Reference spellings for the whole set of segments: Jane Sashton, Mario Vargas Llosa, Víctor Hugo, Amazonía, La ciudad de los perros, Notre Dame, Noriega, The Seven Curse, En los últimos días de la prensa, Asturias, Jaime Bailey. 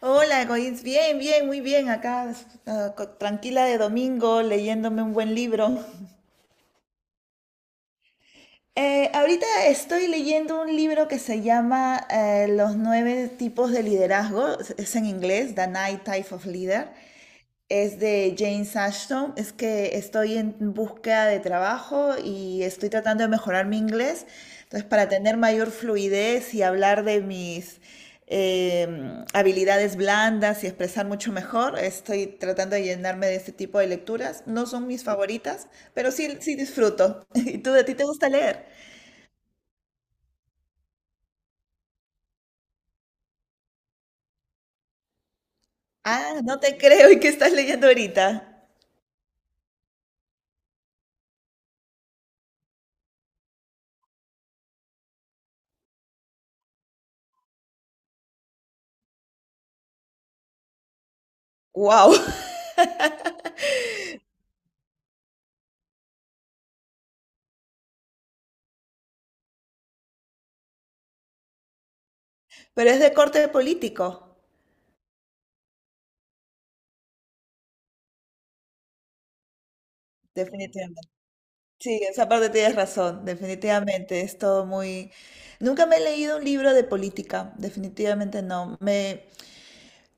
Hola, Goins, bien, bien, muy bien, acá tranquila de domingo, leyéndome un buen libro. Ahorita estoy leyendo un libro que se llama Los nueve tipos de liderazgo, es en inglés, The Nine Types of Leader. Es de Jane Sashton. Es que estoy en búsqueda de trabajo y estoy tratando de mejorar mi inglés. Entonces, para tener mayor fluidez y hablar de mis habilidades blandas y expresar mucho mejor, estoy tratando de llenarme de este tipo de lecturas. No son mis favoritas, pero sí, sí disfruto. ¿Y tú, a ti te gusta leer? Ah, no te creo. ¿Y qué estás leyendo ahorita? ¡Wow! Pero es de corte político, definitivamente. Sí, esa parte tienes razón, definitivamente, es todo muy... Nunca me he leído un libro de política, definitivamente no. Me,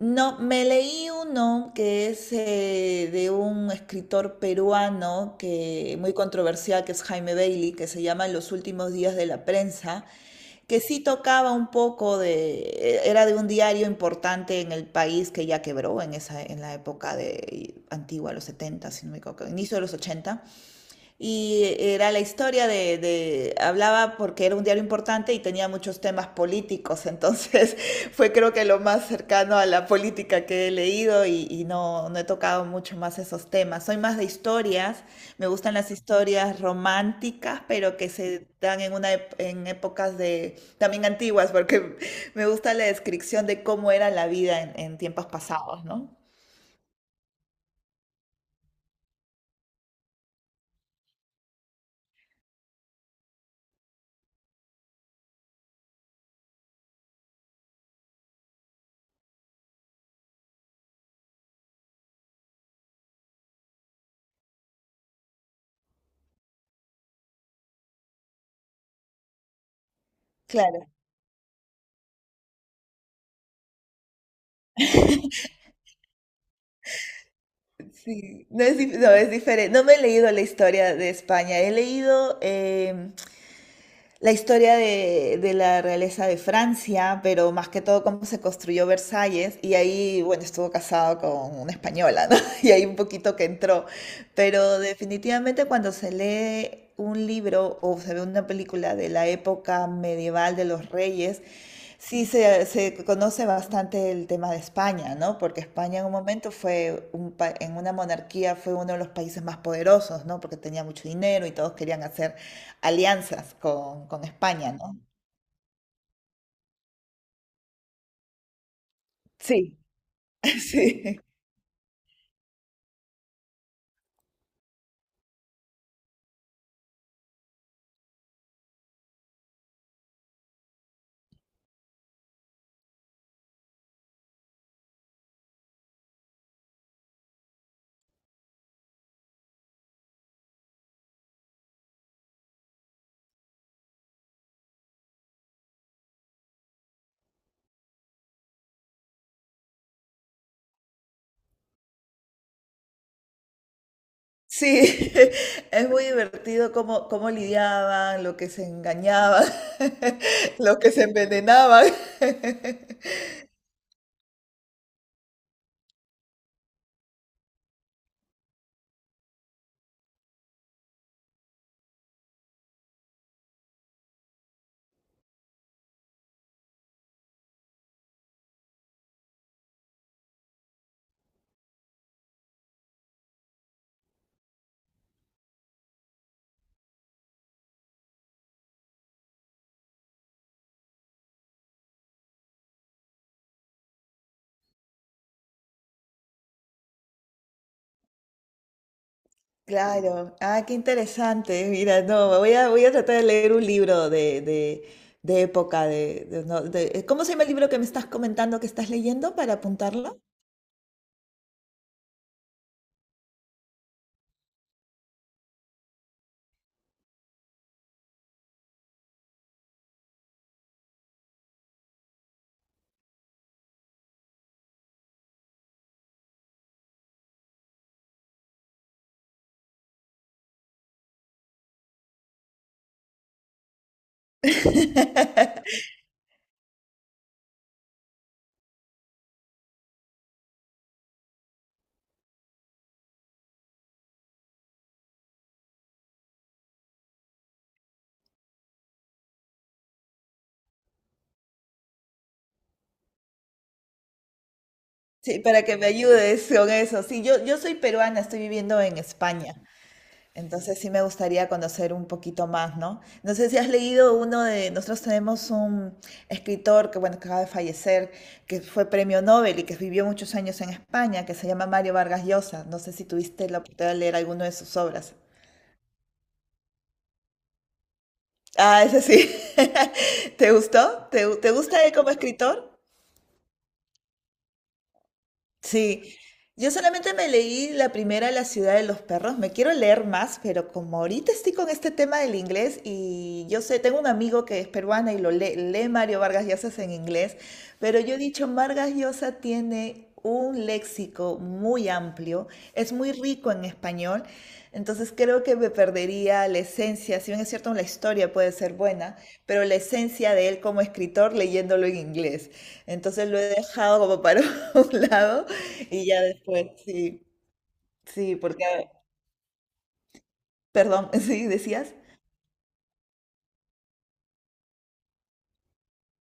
no, me leí uno que es de un escritor peruano que muy controversial, que es Jaime Bailey, que se llama En los últimos días de la prensa, que sí tocaba un poco de... Era de un diario importante en el país que ya quebró en esa, en la época de, antigua, los 70, si no me equivoco, inicio de los 80. Y era la historia de, hablaba porque era un diario importante y tenía muchos temas políticos, entonces fue creo que lo más cercano a la política que he leído y no, no he tocado mucho más esos temas. Soy más de historias, me gustan las historias románticas, pero que se dan en una en épocas de también antiguas, porque me gusta la descripción de cómo era la vida en tiempos pasados, ¿no? Claro. Sí, no es, no, es diferente. No me he leído la historia de España. He leído, la historia de la realeza de Francia, pero más que todo cómo se construyó Versalles, y ahí, bueno, estuvo casado con una española, ¿no? Y ahí un poquito que entró. Pero definitivamente cuando se lee un libro o se ve una película de la época medieval de los reyes, sí se conoce bastante el tema de España, ¿no? Porque España en un momento fue, un en una monarquía, fue uno de los países más poderosos, ¿no? Porque tenía mucho dinero y todos querían hacer alianzas con España, ¿no? Sí, sí, sí, es muy divertido cómo, cómo lidiaban, lo que se engañaban, lo que se envenenaban. Claro, ah, qué interesante. Mira, no, voy a, voy a tratar de leer un libro de época. De- no, de- ¿cómo se llama el libro que me estás comentando que estás leyendo para apuntarlo? Sí, para que me ayudes con eso. Sí, yo soy peruana, estoy viviendo en España. Entonces sí me gustaría conocer un poquito más, ¿no? No sé si has leído uno de, nosotros tenemos un escritor que, bueno, que acaba de fallecer, que fue premio Nobel y que vivió muchos años en España, que se llama Mario Vargas Llosa. No sé si tuviste la oportunidad de leer alguno de sus obras. Ah, ese sí. ¿Te gustó? ¿Te, te gusta él como escritor? Sí, yo solamente me leí la primera, La ciudad de los perros. Me quiero leer más, pero como ahorita estoy con este tema del inglés y yo sé, tengo un amigo que es peruana y lo lee, lee Mario Vargas Llosa en inglés, pero yo he dicho, Vargas Llosa tiene un léxico muy amplio, es muy rico en español, entonces creo que me perdería la esencia, si bien es cierto, la historia puede ser buena, pero la esencia de él como escritor leyéndolo en inglés. Entonces lo he dejado como para un lado y ya después, sí, sí, porque, perdón, sí, decías.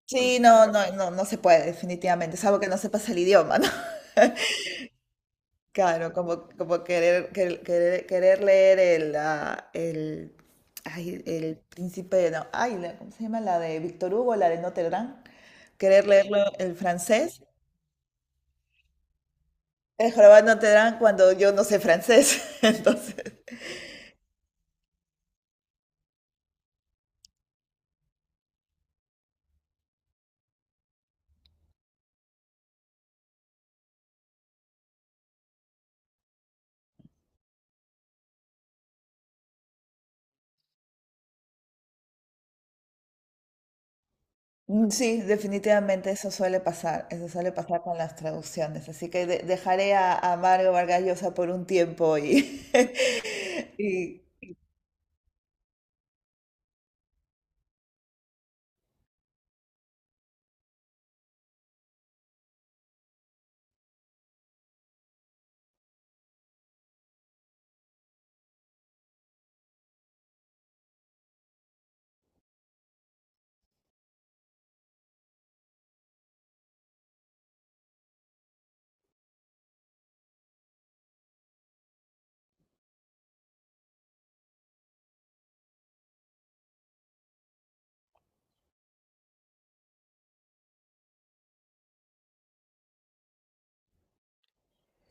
Sí, no, no, no, no se puede, definitivamente, salvo que no sepas el idioma, ¿no? Claro, como, como querer leer el, ah, el, ay, el príncipe, no, ay, ¿cómo se llama? La de Víctor Hugo, la de Notre Dame, querer leerlo el francés, el jorobado de Notre Dame cuando yo no sé francés, entonces. Mm, sí, definitivamente eso suele pasar con las traducciones, así que dejaré a Mario Vargas Llosa por un tiempo y, y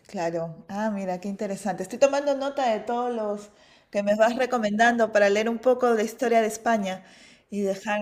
claro, ah, mira, qué interesante. Estoy tomando nota de todos los que me vas recomendando para leer un poco de historia de España y dejar...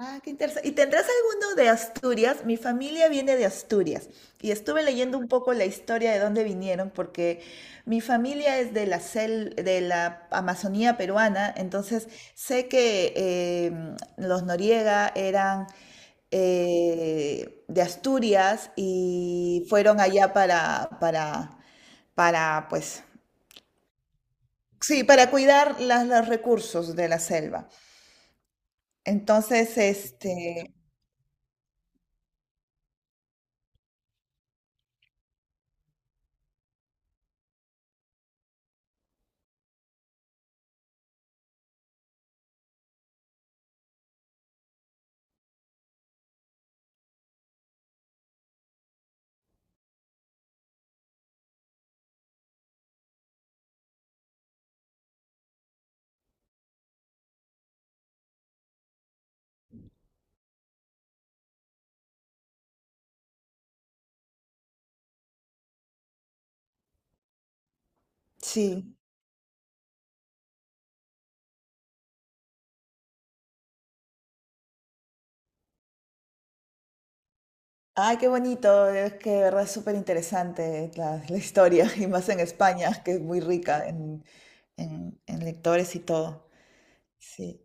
Ah, qué interesante. ¿Y tendrás alguno de Asturias? Mi familia viene de Asturias y estuve leyendo un poco la historia de dónde vinieron porque mi familia es de la de la Amazonía peruana, entonces sé que los Noriega eran de Asturias y fueron allá para, pues, sí, para cuidar los recursos de la selva. Entonces, este, sí. Ay, qué bonito, es que de verdad es súper interesante la, la historia, y más en España, que es muy rica en lectores y todo. Sí.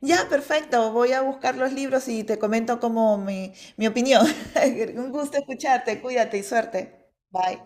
Ya, perfecto, voy a buscar los libros y te comento como mi opinión. Un gusto escucharte, cuídate y suerte. Bye.